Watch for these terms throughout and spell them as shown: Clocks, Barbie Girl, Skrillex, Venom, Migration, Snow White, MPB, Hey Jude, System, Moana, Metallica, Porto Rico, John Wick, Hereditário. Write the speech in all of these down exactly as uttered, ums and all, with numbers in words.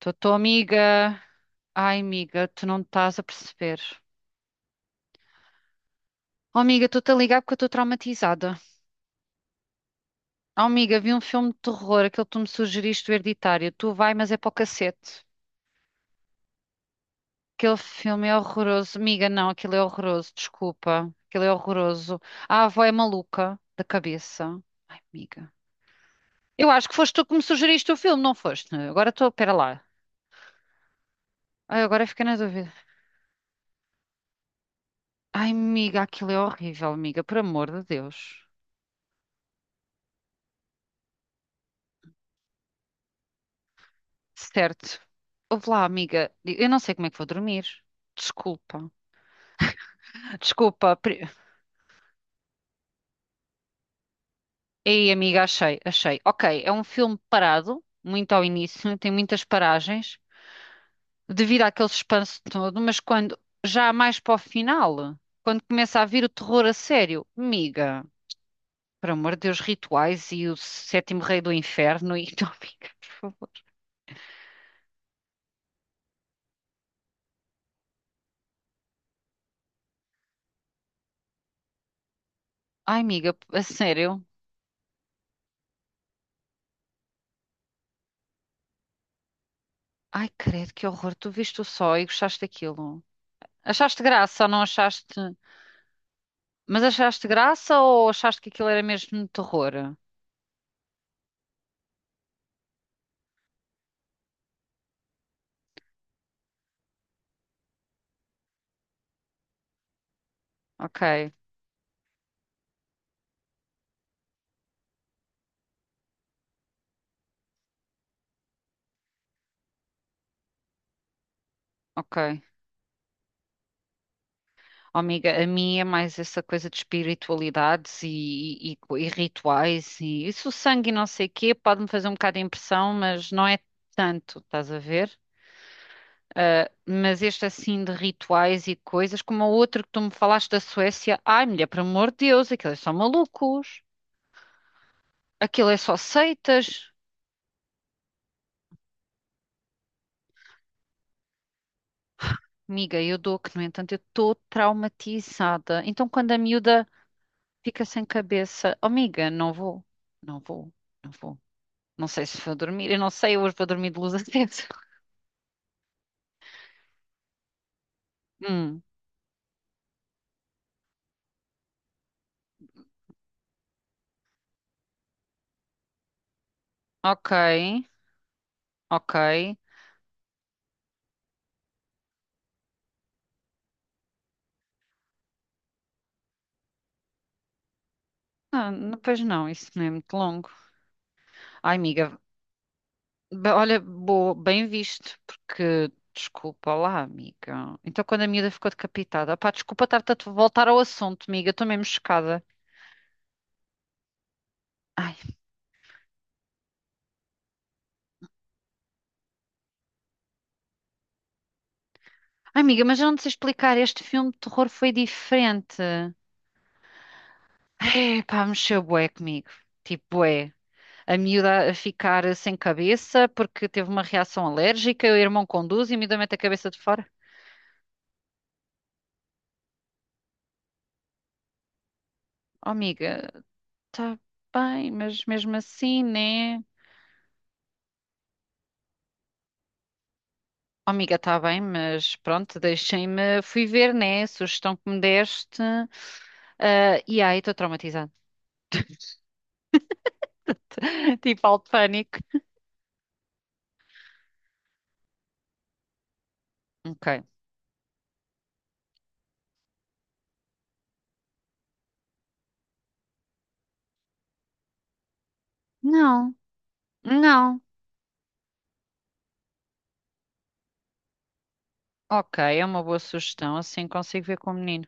Tô, tô, amiga. Ai, amiga, tu não estás a perceber. Oh, amiga, estou-te a ligar porque eu estou traumatizada. Oh, amiga, vi um filme de terror, aquele que tu me sugeriste, o Hereditário. Tu vai, mas é para o cacete. Aquele filme é horroroso. Amiga, não, aquilo é horroroso, desculpa. Aquilo é horroroso. A avó é maluca da cabeça. Ai, amiga. Eu acho que foste tu que me sugeriste o filme, não foste? Agora estou, pera lá. Ai, agora fiquei na dúvida. Ai, amiga, aquilo é horrível, amiga, por amor de Deus. Certo. Ouve lá, amiga. Eu não sei como é que vou dormir. Desculpa. Desculpa. pri- Ei, amiga, achei, achei. Ok, é um filme parado, muito ao início, tem muitas paragens, devido àquele suspense todo, mas quando já mais para o final, quando começa a vir o terror a sério, amiga, por amor de Deus, rituais e o sétimo rei do inferno e não, amiga, por favor. Ai, amiga, a sério. Ai, credo, que horror. Tu viste o só e gostaste daquilo. Achaste graça, não achaste? Mas achaste graça ou achaste que aquilo era mesmo terror? Ok, ok. Oh, amiga, a minha é mais essa coisa de espiritualidades e, e- e rituais e isso, o sangue e não sei o quê, pode-me fazer um bocado de impressão, mas não é tanto, estás a ver? Ah, mas este assim de rituais e coisas, como o outro que tu me falaste da Suécia, ai mulher, por amor de Deus, aquilo é só malucos, aquilo é só seitas. Amiga, eu dou que, no entanto, eu estou traumatizada. Então, quando a miúda fica sem cabeça. Oh, amiga, não vou. Não vou. Não vou. Não sei se vou dormir. Eu não sei, eu hoje vou dormir de luz acesa. Hum, ok. Ok. Não, não, pois não, isso não é muito longo. Ai, amiga. be- Olha, boa, bem visto, porque. Desculpa lá, amiga. Então, quando a miúda ficou decapitada, pá, desculpa estar-te a te voltar ao assunto, amiga. Estou mesmo chocada. Ai, ai, amiga, mas eu não te sei explicar. Este filme de terror foi diferente. Ai, pá, mexeu bué comigo. Tipo, bué. A miúda a ficar sem cabeça porque teve uma reação alérgica, o irmão conduz e a miúda mete a cabeça de fora. Oh, amiga, tá bem, mas mesmo assim, né? Oh, amiga, tá bem, mas pronto, deixem-me, fui ver, né? A sugestão que me deste. Ah, e aí, estou traumatizada. Tipo, alto pânico. Ok. Não, não. Ok, é uma boa sugestão, assim consigo ver com o menino.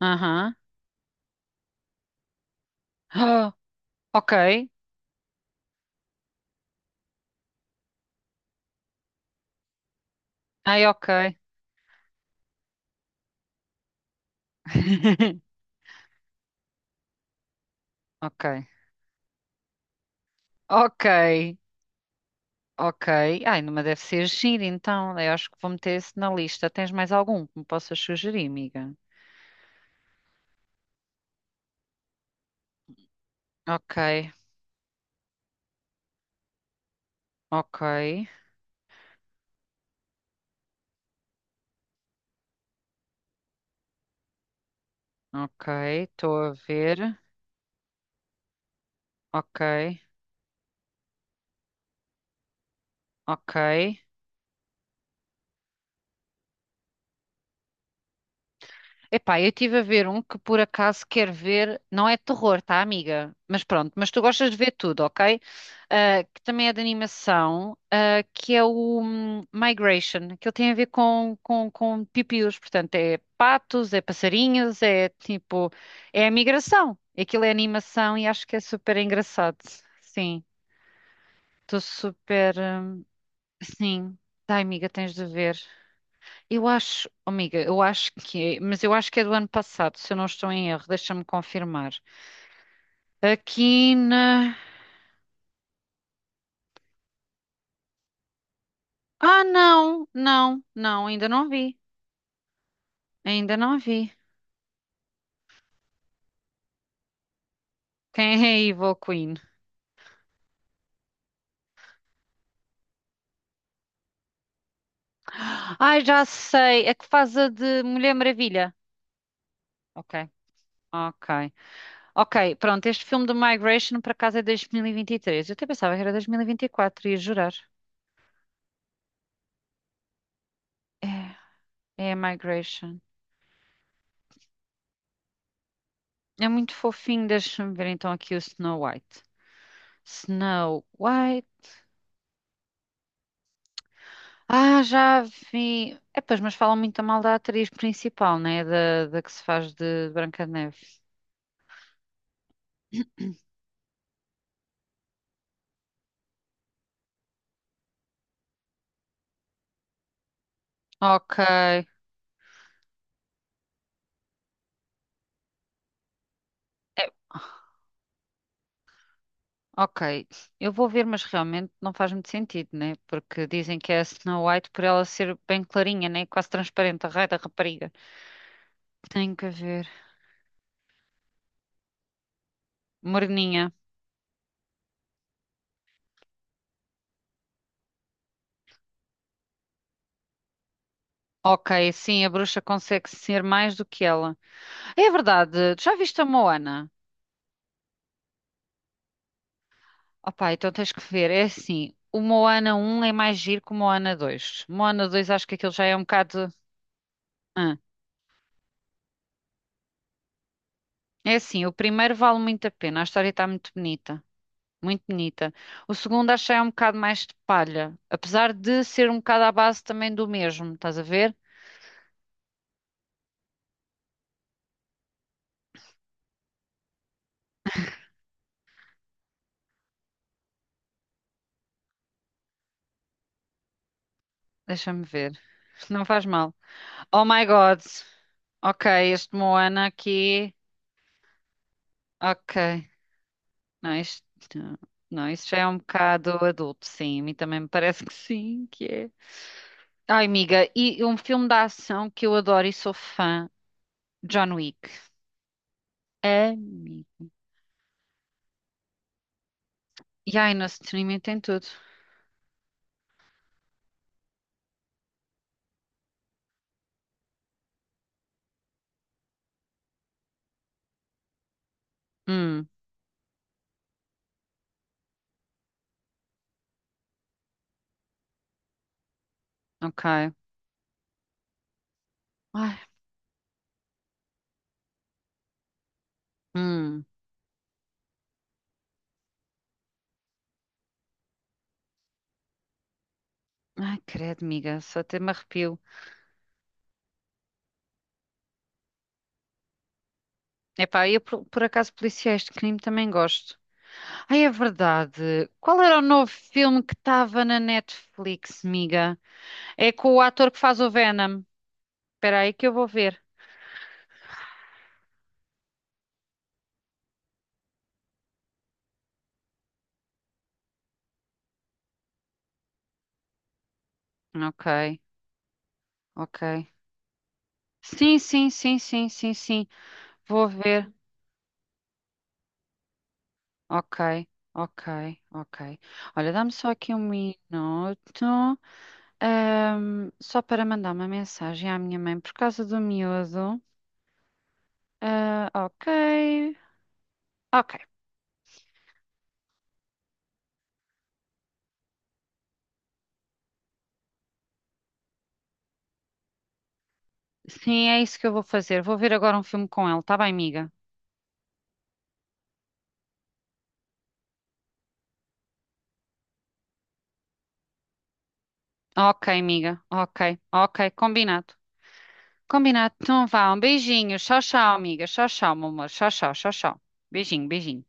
Aham. Ah, ok. Ai, ok. Ok. Ok, ok. Ai, numa deve ser giro, então. Eu acho que vou meter esse na lista. Tens mais algum que me possas sugerir, amiga? Ok, ok, ok. Estou a ver. Ok, ok. Epá, eu estive a ver um que por acaso quer ver, não é terror, tá, amiga? Mas pronto, mas tu gostas de ver tudo, ok? Ah, que também é de animação, ah, que é o hum, Migration, que ele tem a ver com, com, com pipiús, portanto é patos, é passarinhos, é tipo, é a migração. Aquilo é animação e acho que é super engraçado. Sim, estou super, hum, sim, tá, amiga, tens de ver. Eu acho, oh, amiga, eu acho que é, mas eu acho que é do ano passado, se eu não estou em erro, deixa-me confirmar. Aqui na. Ah, não, não, não, ainda não vi, ainda não vi. Quem é a Evil Queen? Ai, já sei, é que faz a de Mulher Maravilha. Ok, ok, ok, pronto, este filme do Migration por acaso é dois mil e vinte e três. Eu até pensava que era dois mil e vinte e quatro, ia jurar. É, é a Migration. É muito fofinho, deixa-me ver então aqui o Snow White. Snow White. Ah, já vi. É, pois, mas falam muito mal da atriz principal, né? Da, da que se faz de Branca de Neve. Ok. É, ok. Eu vou ver, mas realmente não faz muito sentido, né? Porque dizem que é a Snow White por ela ser bem clarinha, né? Quase transparente, a raia da rapariga. Tenho que ver. Moreninha. Ok, sim, a bruxa consegue ser mais do que ela. É verdade. Já viste a Moana? Opa, então tens que ver. É assim, o Moana um é mais giro que o Moana dois. Moana dois acho que aquilo já é um bocado. Ah, é assim, o primeiro vale muito a pena. A história está muito bonita. Muito bonita. O segundo acho que já é um bocado mais de palha. Apesar de ser um bocado à base também do mesmo. Estás a ver? Deixa-me ver. Não faz mal. Oh my God. Ok, este Moana aqui. Ok. Não, isto, não, isso já é um bocado adulto, sim. A mim também me parece que sim, que é. Ai, amiga, e um filme da ação que eu adoro e sou fã, John Wick. É, amiga. E ai, no streaming tem tudo. Hum, ok. Ai, hum. Ai, credo, amiga, só até me arrepio. Epá, eu por, por acaso policiais de crime também gosto. Ai, é verdade. Qual era o novo filme que estava na Netflix, amiga? É com o ator que faz o Venom. Espera aí que eu vou ver. Ok, ok. Sim, sim, sim, sim, sim, sim. Vou ver. Ok, ok, ok. Olha, dá-me só aqui um minuto, ahm, só para mandar uma mensagem à minha mãe por causa do miúdo. Ah, ok, ok. Sim, é isso que eu vou fazer. Vou ver agora um filme com ele, tá bem, amiga? Ok, amiga, ok, ok, combinado. Combinado, então vá, um beijinho. Tchau, tchau, amiga. Tchau, tchau, meu amor. Tchau, tchau, tchau, tchau. Beijinho, beijinho.